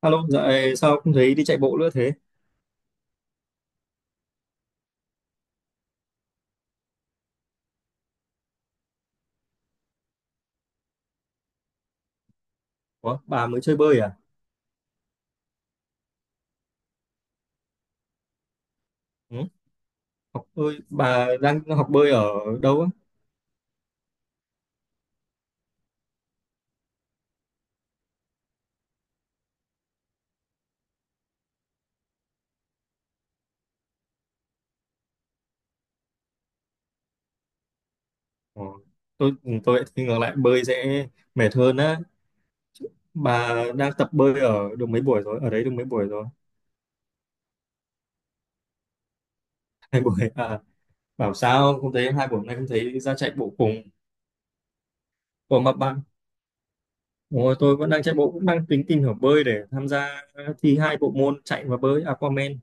Alo, dạo này sao không thấy đi chạy bộ nữa thế? Ủa, bà mới chơi bơi à? Ừ? Học bơi, bà đang học bơi ở đâu á? Ủa, tôi lại thì ngược lại bơi sẽ mệt hơn á. Bà đang tập bơi ở được mấy buổi rồi? Ở đấy được mấy buổi rồi? 2 buổi à? Bảo sao không thấy 2 buổi hôm nay không thấy ra chạy bộ cùng? Ủa mà bạn, Ủa, Tôi vẫn đang chạy bộ cũng đang tính tìm hiểu bơi để tham gia thi hai bộ môn chạy và bơi Aquaman.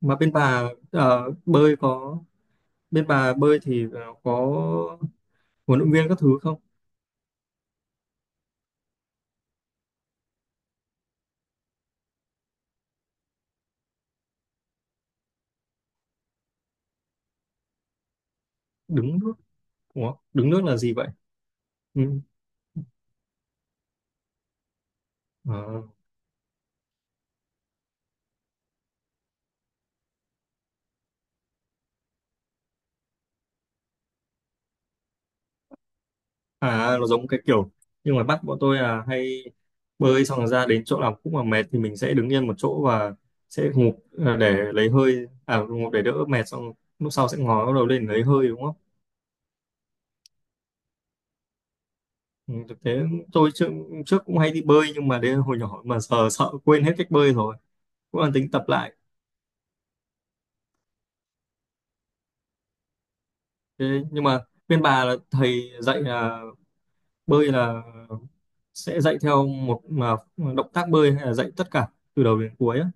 Mà bên bà ờ, bơi có bên bà bơi thì có huấn luyện viên các thứ không? Đứng nước? Ủa, đứng nước là gì vậy? Ừ. à, à, nó giống cái kiểu, nhưng mà bắt bọn tôi là hay bơi xong rồi ra đến chỗ nào cũng mà mệt thì mình sẽ đứng yên một chỗ và sẽ ngụp để lấy hơi ngụp để đỡ mệt, xong lúc sau sẽ ngó đầu lên lấy hơi, đúng không? Ừ, thực tế tôi trước cũng hay đi bơi nhưng mà đến hồi nhỏ mà giờ sợ quên hết cách bơi rồi, cũng đang tính tập lại. Thế nhưng mà bên bà là thầy dạy là bơi là sẽ dạy theo một mà động tác bơi hay là dạy tất cả từ đầu đến cuối á?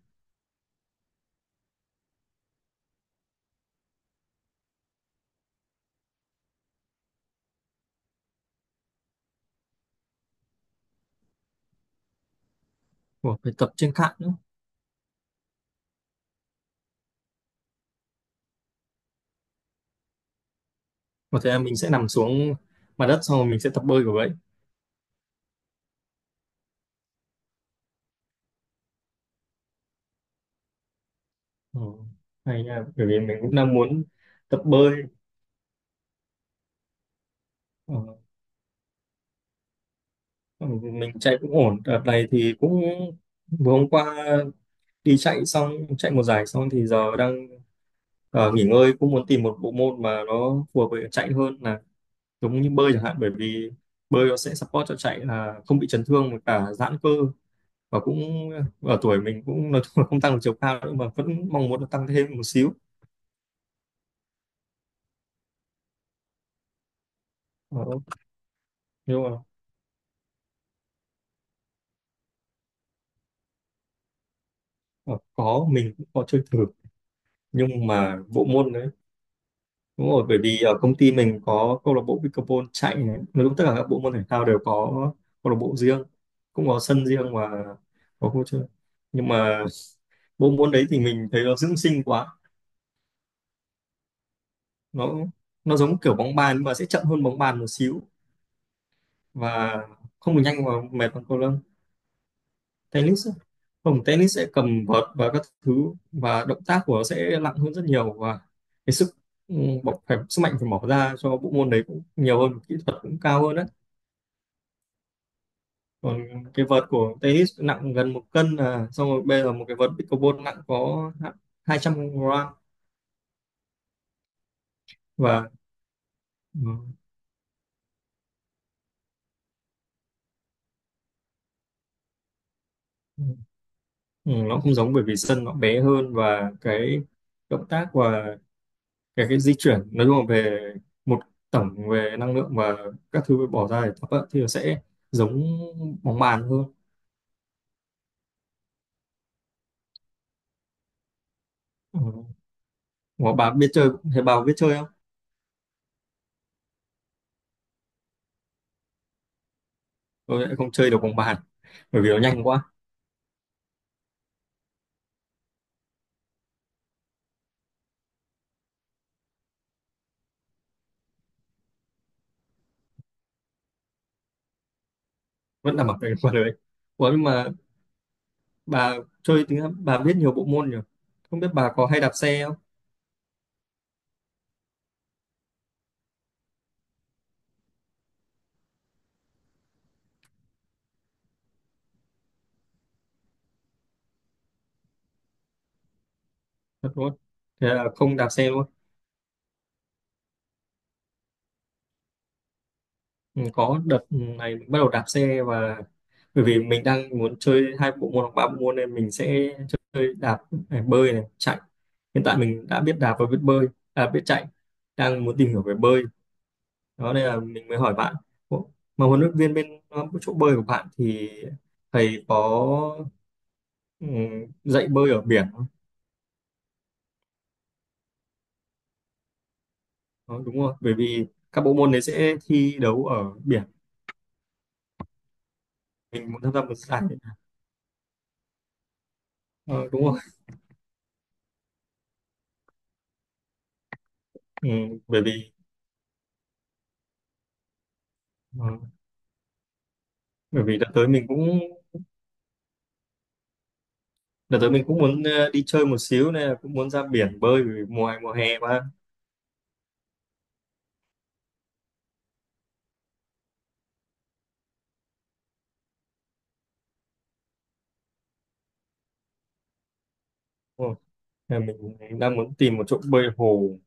Ủa, phải tập trên cạn nữa? Có thể là mình sẽ nằm xuống mặt đất xong rồi mình sẽ tập bơi của vậy. Ừ. Hay nha, bởi vì mình cũng đang muốn tập bơi. Ờ. Ừ, mình chạy cũng ổn, đợt này thì cũng vừa hôm qua đi chạy xong, chạy một giải xong thì giờ đang nghỉ ngơi, cũng muốn tìm một bộ môn mà nó phù hợp với chạy hơn, là giống như bơi chẳng hạn, bởi vì bơi nó sẽ support cho chạy là không bị chấn thương và cả giãn cơ, và cũng ở tuổi mình cũng nói chung là không tăng được chiều cao nữa mà vẫn mong muốn là tăng thêm một xíu. Ờ, nhưng mà ờ, có, mình cũng có chơi thử nhưng mà bộ môn đấy, đúng rồi, bởi vì ở công ty mình có câu lạc bộ pickleball, chạy này, nói chung tất cả các bộ môn thể thao đều có câu lạc bộ riêng, cũng có sân riêng và có khu chơi, nhưng mà bộ môn đấy thì mình thấy nó dưỡng sinh quá, nó nó giống kiểu bóng bàn nhưng mà sẽ chậm hơn bóng bàn một xíu, và không được nhanh và mệt bằng cầu lông, tennis á. Không, tennis sẽ cầm vợt và các thứ, và động tác của nó sẽ nặng hơn rất nhiều, và cái sức ừ, bỏ phải sức mạnh phải bỏ ra cho bộ môn đấy cũng nhiều hơn, kỹ thuật cũng cao hơn đấy. Còn cái vợt của tennis nặng gần 1 cân à, xong rồi bây giờ một cái vợt pickleball nặng có 200 gram. Và ừ, ừ, nó không giống bởi vì sân nó bé hơn, và cái động tác và cái di chuyển nói chung là về một tổng về năng lượng và các thứ bỏ ra để tập á, thì nó sẽ giống bóng bàn hơn. Ừ. Mà bà biết chơi thế bà có biết chơi không? Tôi lại không chơi được bóng bàn bởi vì nó nhanh quá. Vẫn là mặc cái quần đấy. Ủa nhưng mà bà chơi thì bà biết nhiều bộ môn nhỉ, không biết bà có hay đạp xe không? Thật luôn? Thế là không đạp xe luôn? Ừ, có, đợt này mình bắt đầu đạp xe, và bởi vì mình đang muốn chơi hai bộ môn hoặc ba bộ môn nên mình sẽ chơi đạp này, bơi này, chạy. Hiện tại mình đã biết đạp và biết bơi, à, biết chạy, đang muốn tìm hiểu về bơi đó nên là mình mới hỏi bạn. Ủa, mà huấn luyện viên bên chỗ bơi của bạn thì thầy có ừ, dạy bơi ở biển không? Đó, đúng không, bởi vì các bộ môn đấy sẽ thi đấu ở biển, mình muốn tham gia một giải. Ờ, đúng không? Ừ, bởi vì ờ, bởi vì đã tới mình cũng Đợt tới mình cũng muốn đi chơi một xíu, nên là cũng muốn ra biển bơi, vì mùa mùa hè mà. Đúng không? Nên mình đang muốn tìm một chỗ bơi hồ.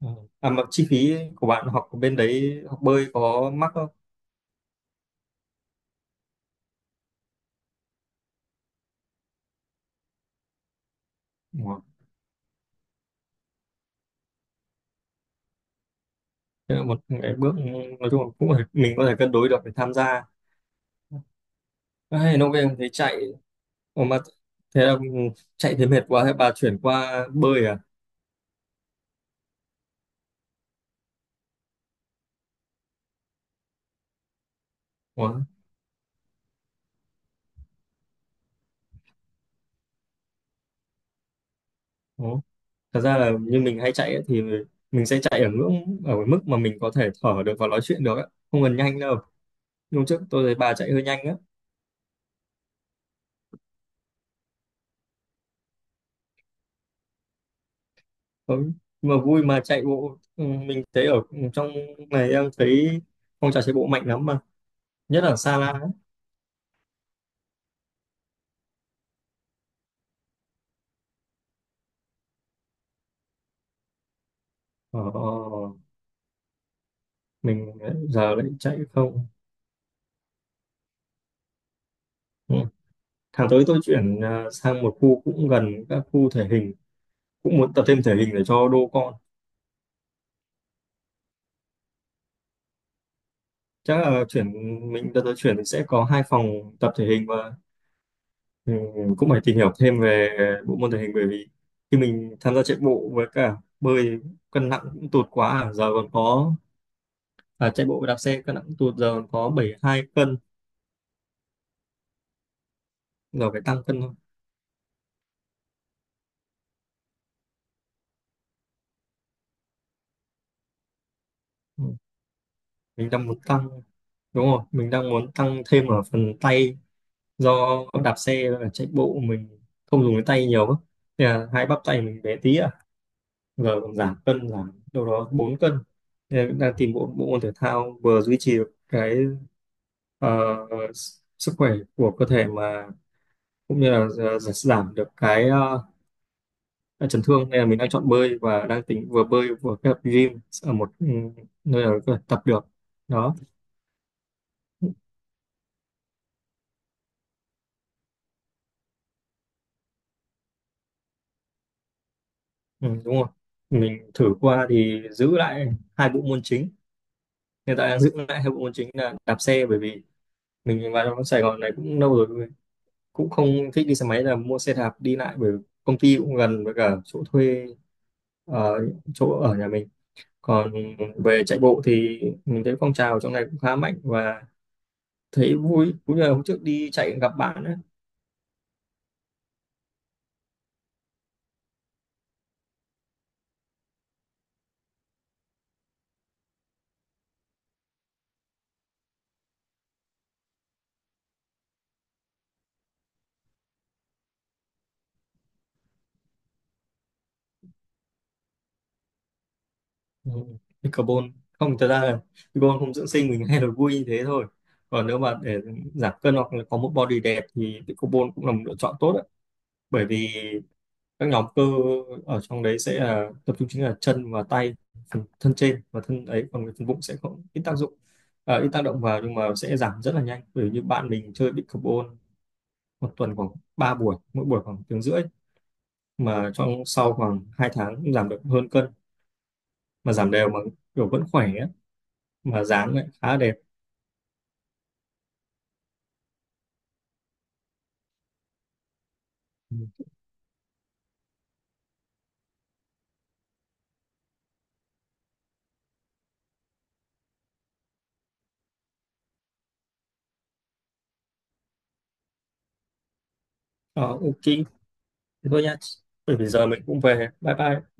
Ờ. À mà chi phí của bạn học ở bên đấy học bơi có mắc không? Đúng không? Thế là một cái bước, nói chung là cũng phải, mình có thể cân đối được để tham gia. Ai, nó về thấy chạy. Ủa mà, thế là chạy thấy mệt quá thế bà chuyển qua bơi à? Ủa? Ủa? Thật ra là như mình hay chạy ấy, thì mình sẽ chạy ở ngưỡng ở cái mức mà mình có thể thở được và nói chuyện được ấy. Không cần nhanh đâu, hôm trước tôi thấy bà chạy hơi nhanh á. Ờ, mà vui mà chạy bộ, mình thấy ở trong này em thấy phong trào chạy bộ mạnh lắm mà, nhất là Sa La. Ờ, mình giờ lại chạy không. Ừ. Tháng tới tôi chuyển sang một khu cũng gần các khu thể hình, cũng muốn tập thêm thể hình để cho đô con. Chắc là chuyển Mình đợt tới chuyển mình sẽ có hai phòng tập thể hình và ừ, cũng phải tìm hiểu thêm về bộ môn thể hình, bởi vì khi mình tham gia chạy bộ với cả bơi cân nặng cũng tụt quá. À, giờ còn có, à, chạy bộ và đạp xe cân nặng tuột giờ có 72 cân. Giờ phải tăng cân thôi. Ừ. mình đang muốn tăng Đúng rồi, mình đang muốn tăng thêm ở phần tay, do đạp xe và chạy bộ mình không dùng cái tay nhiều á. Thế là hai bắp tay mình bé tí à, giờ còn giảm cân, giảm đâu đó 4 cân. Thế là đang tìm bộ bộ môn thể thao vừa duy trì được cái ờ, sức khỏe của cơ thể, mà cũng như là giảm được cái chấn thương, nên là mình đang chọn bơi và đang tính vừa bơi vừa kết hợp gym ở một nơi nào đó có thể tập được đó. Ừ, đúng rồi, mình thử qua thì giữ lại hai bộ môn chính, hiện tại đang giữ lại hai bộ môn chính là đạp xe, bởi vì mình vào trong Sài Gòn này cũng lâu rồi, cũng không thích đi xe máy là mua xe đạp đi lại, bởi công ty cũng gần với cả chỗ thuê ở, chỗ ở nhà mình. Còn về chạy bộ thì mình thấy phong trào trong này cũng khá mạnh và thấy vui, cũng như là hôm trước đi chạy gặp bạn ấy. Ừ, cái carbon không, thật ra là carbon không dưỡng sinh mình hay là vui như thế thôi, còn nếu mà để giảm cân hoặc là có một body đẹp thì cái carbon cũng là một lựa chọn tốt đấy, bởi vì các nhóm cơ ở trong đấy sẽ là tập trung chính là chân và tay, phần thân trên và thân ấy, còn cái phần bụng sẽ không, ít tác dụng, à, ít tác động vào, nhưng mà sẽ giảm rất là nhanh, bởi vì như bạn mình chơi big carbon 1 tuần khoảng 3 buổi, mỗi buổi khoảng tiếng rưỡi, mà trong sau khoảng 2 tháng cũng giảm được hơn cân, mà giảm đều mà kiểu vẫn khỏe ấy, mà dáng lại khá đẹp. Ừ. Ờ, ok. Thế thôi nha. Bởi vì giờ mình cũng về. Bye bye.